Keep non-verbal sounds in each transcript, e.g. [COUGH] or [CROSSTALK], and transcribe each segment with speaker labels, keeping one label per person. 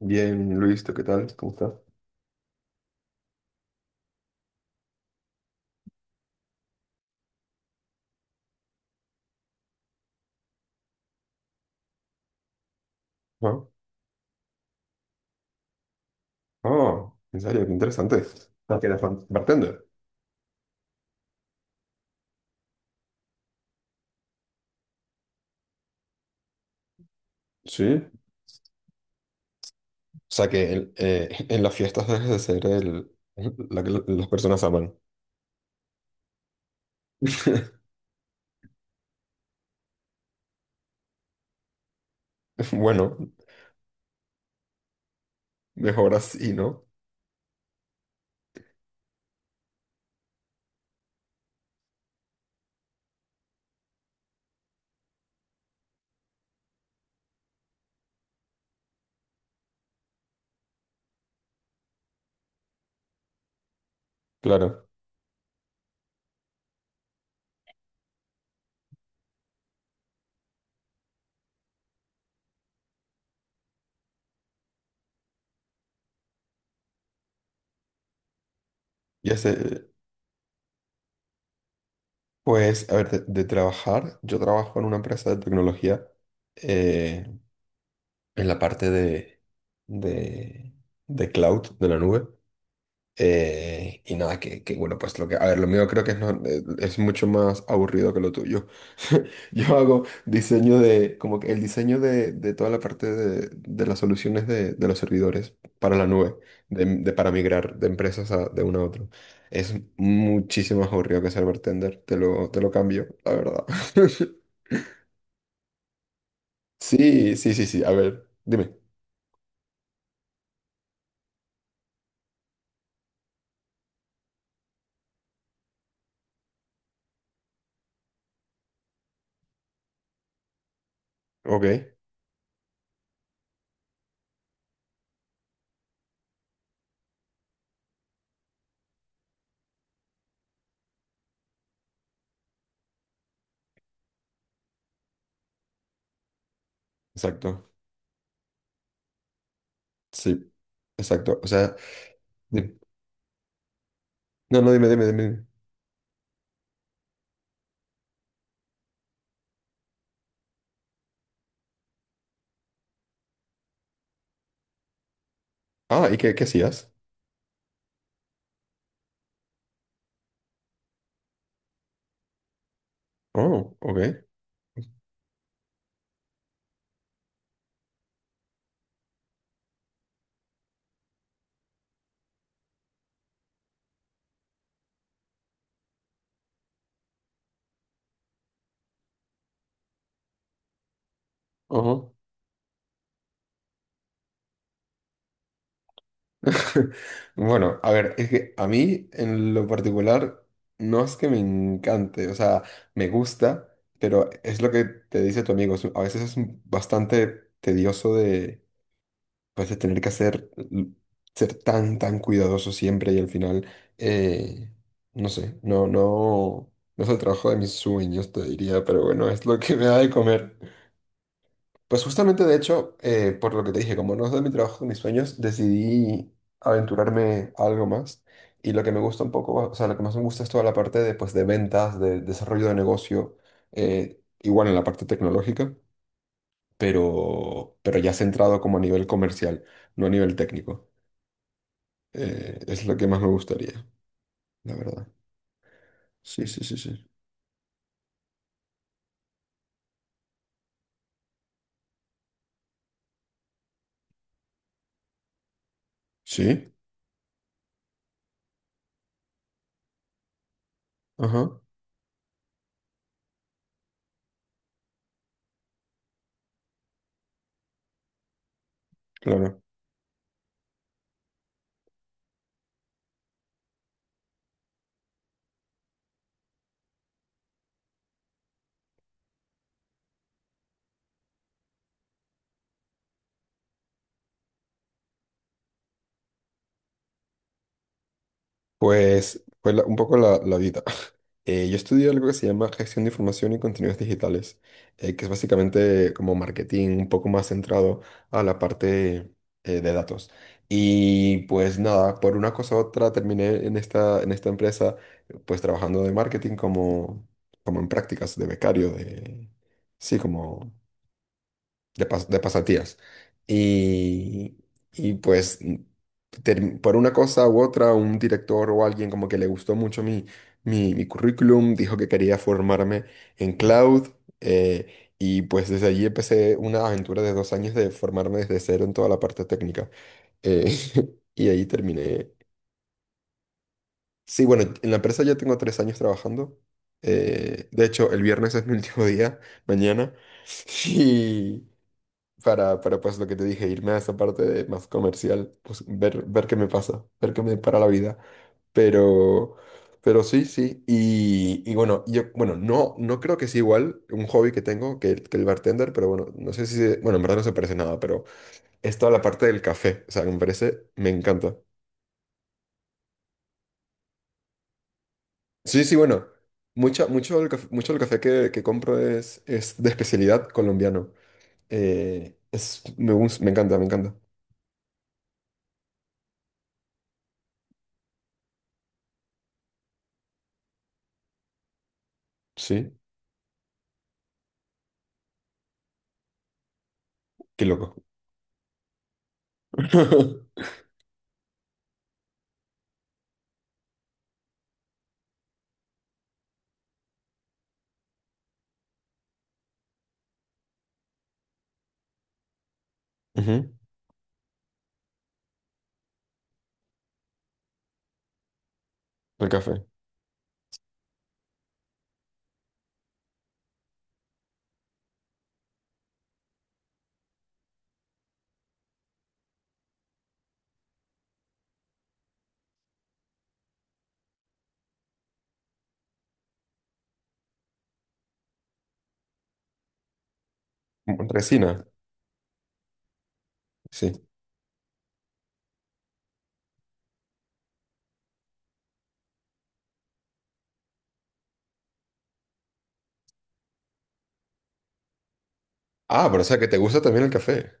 Speaker 1: Bien, Luis, ¿tú qué tal? ¿Cómo estás? Ah, ah, en serio, qué interesante. Ah, que eres bartender. Sí. O sea que en [LAUGHS] en las fiestas debes de ser el, [LAUGHS] la que las personas aman. [LAUGHS] Bueno, mejor así, ¿no? Claro. Y ese, pues, a ver, de trabajar, yo trabajo en una empresa de tecnología eh, en la parte de, de cloud, de la nube. Y nada, que bueno, pues lo que, a ver, lo mío creo que es, es mucho más aburrido que lo tuyo. [LAUGHS] Yo hago diseño de, como que el diseño de toda la parte de las soluciones de los servidores para la nube, de, para migrar de empresas de una a otra. Es muchísimo más aburrido que ser bartender, te lo cambio, la verdad. [LAUGHS] Sí, sí, sí, sí, a ver, dime. Ok, exacto, sí, exacto, o sea, dime. No, no, dime, dime, dime. Dime. Ah, ¿y qué, qué hacías? Oh, ok. Ajá. [LAUGHS] Bueno, a ver, es que a mí en lo particular no es que me encante, o sea, me gusta, pero es lo que te dice tu amigo, es a veces es bastante tedioso de, pues, de tener que hacer, ser tan, tan cuidadoso siempre y al final, eh, no sé, no, no, no es el trabajo de mis sueños, te diría, pero bueno, es lo que me da de comer. Pues justamente, de hecho, por lo que te dije, como no es de mi trabajo, de mis sueños, decidí aventurarme a algo más. Y lo que me gusta un poco, o sea, lo que más me gusta es toda la parte de, pues, de ventas, de desarrollo de negocio, igual en la parte tecnológica, pero ya centrado como a nivel comercial, no a nivel técnico. Es lo que más me gustaría, la verdad. Sí, sí, sí, sí. Sí, ajá, claro. Pues fue un poco la, la vida. Yo estudio algo que se llama gestión de información y contenidos digitales, que es básicamente como marketing un poco más centrado a la parte de datos. Y pues nada, por una cosa u otra terminé en esta empresa pues trabajando de marketing como, como en prácticas de becario, de... Sí, como de, de pasatías. Y, y pues por una cosa u otra, un director o alguien como que le gustó mucho mi, mi, mi currículum, dijo que quería formarme en cloud. Y pues desde allí empecé una aventura de 2 años de formarme desde cero en toda la parte técnica. Eh, [LAUGHS] y ahí terminé. Sí, bueno, en la empresa ya tengo 3 años trabajando. De hecho, el viernes es mi último día, mañana. [LAUGHS] Y, para pues lo que te dije, irme a esa parte de más comercial, pues ver, ver qué me pasa, ver qué me depara la vida. Pero, pero sí, sí. Y bueno, yo, bueno, no, no creo que sea igual un hobby que tengo que, que el bartender, pero bueno, no sé si, bueno, en verdad no se parece nada, pero es toda la parte del café, o sea, que me parece, me encanta. Sí, sí, bueno, mucha, mucho del café que compro es de especialidad colombiano. Es, me, me encanta, me encanta. Sí, qué loco. [LAUGHS] Ujú. El café. Resina, sí. Ah, pero o sea que te gusta también el café.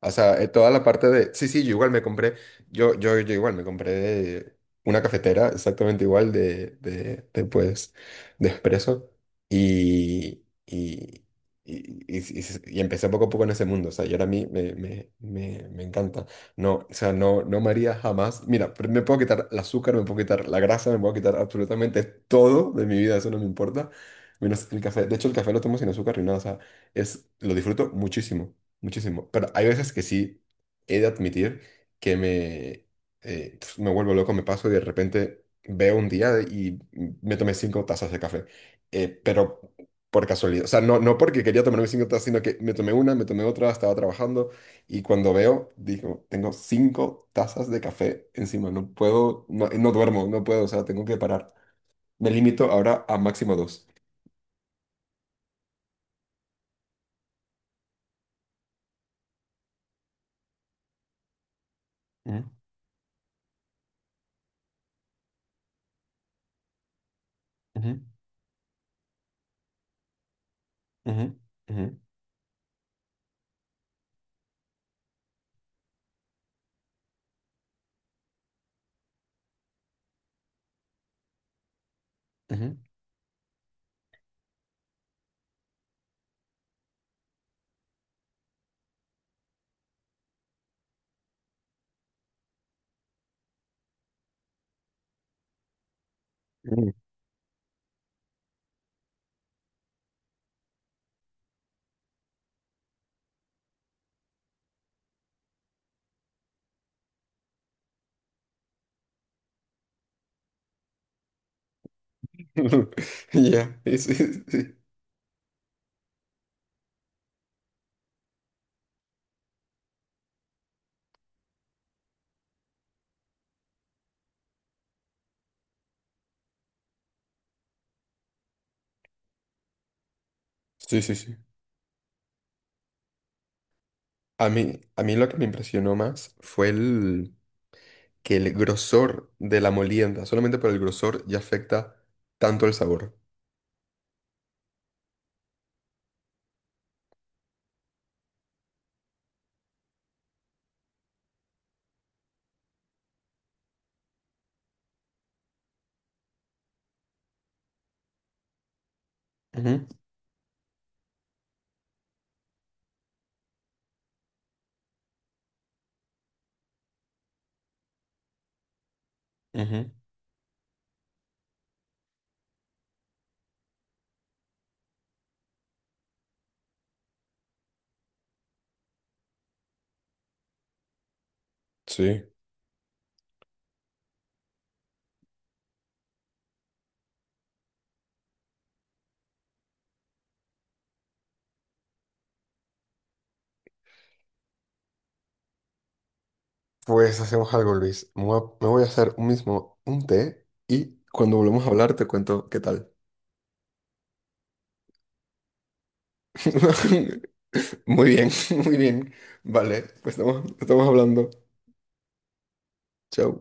Speaker 1: O sea, toda la parte de... Sí, sí, yo igual me compré, yo igual me compré una cafetera exactamente igual de pues, de espresso y, y, y y empecé poco a poco en ese mundo. O sea, y ahora a mí me me encanta. No, o sea, no, no me haría jamás... Mira, pero me puedo quitar el azúcar, me puedo quitar la grasa, me puedo quitar absolutamente todo de mi vida, eso no me importa. Menos el café. De hecho, el café lo tomo sin azúcar ni nada. O sea, es, lo disfruto muchísimo. Muchísimo. Pero hay veces que sí he de admitir que me, me vuelvo loco, me paso y de repente veo un día y me tomé 5 tazas de café. Pero por casualidad. O sea, no, no porque quería tomarme 5 tazas, sino que me tomé una, me tomé otra, estaba trabajando y cuando veo, digo, tengo 5 tazas de café encima. No puedo, no, no duermo, no puedo, o sea, tengo que parar. Me limito ahora a máximo dos. Ujú, ujú, ujú, ujú, ujú. [LAUGHS] Ya, sí, sí, sí. Sí. A mí lo que me impresionó más fue el que el grosor de la molienda, solamente por el grosor, ya afecta tanto el sabor. Ujú, ujú. Sí. Pues hacemos algo, Luis. Me voy a hacer un mismo un té y cuando volvamos a hablar te cuento qué tal. [LAUGHS] Muy bien, [LAUGHS] muy bien. Vale, pues estamos, estamos hablando. Chao.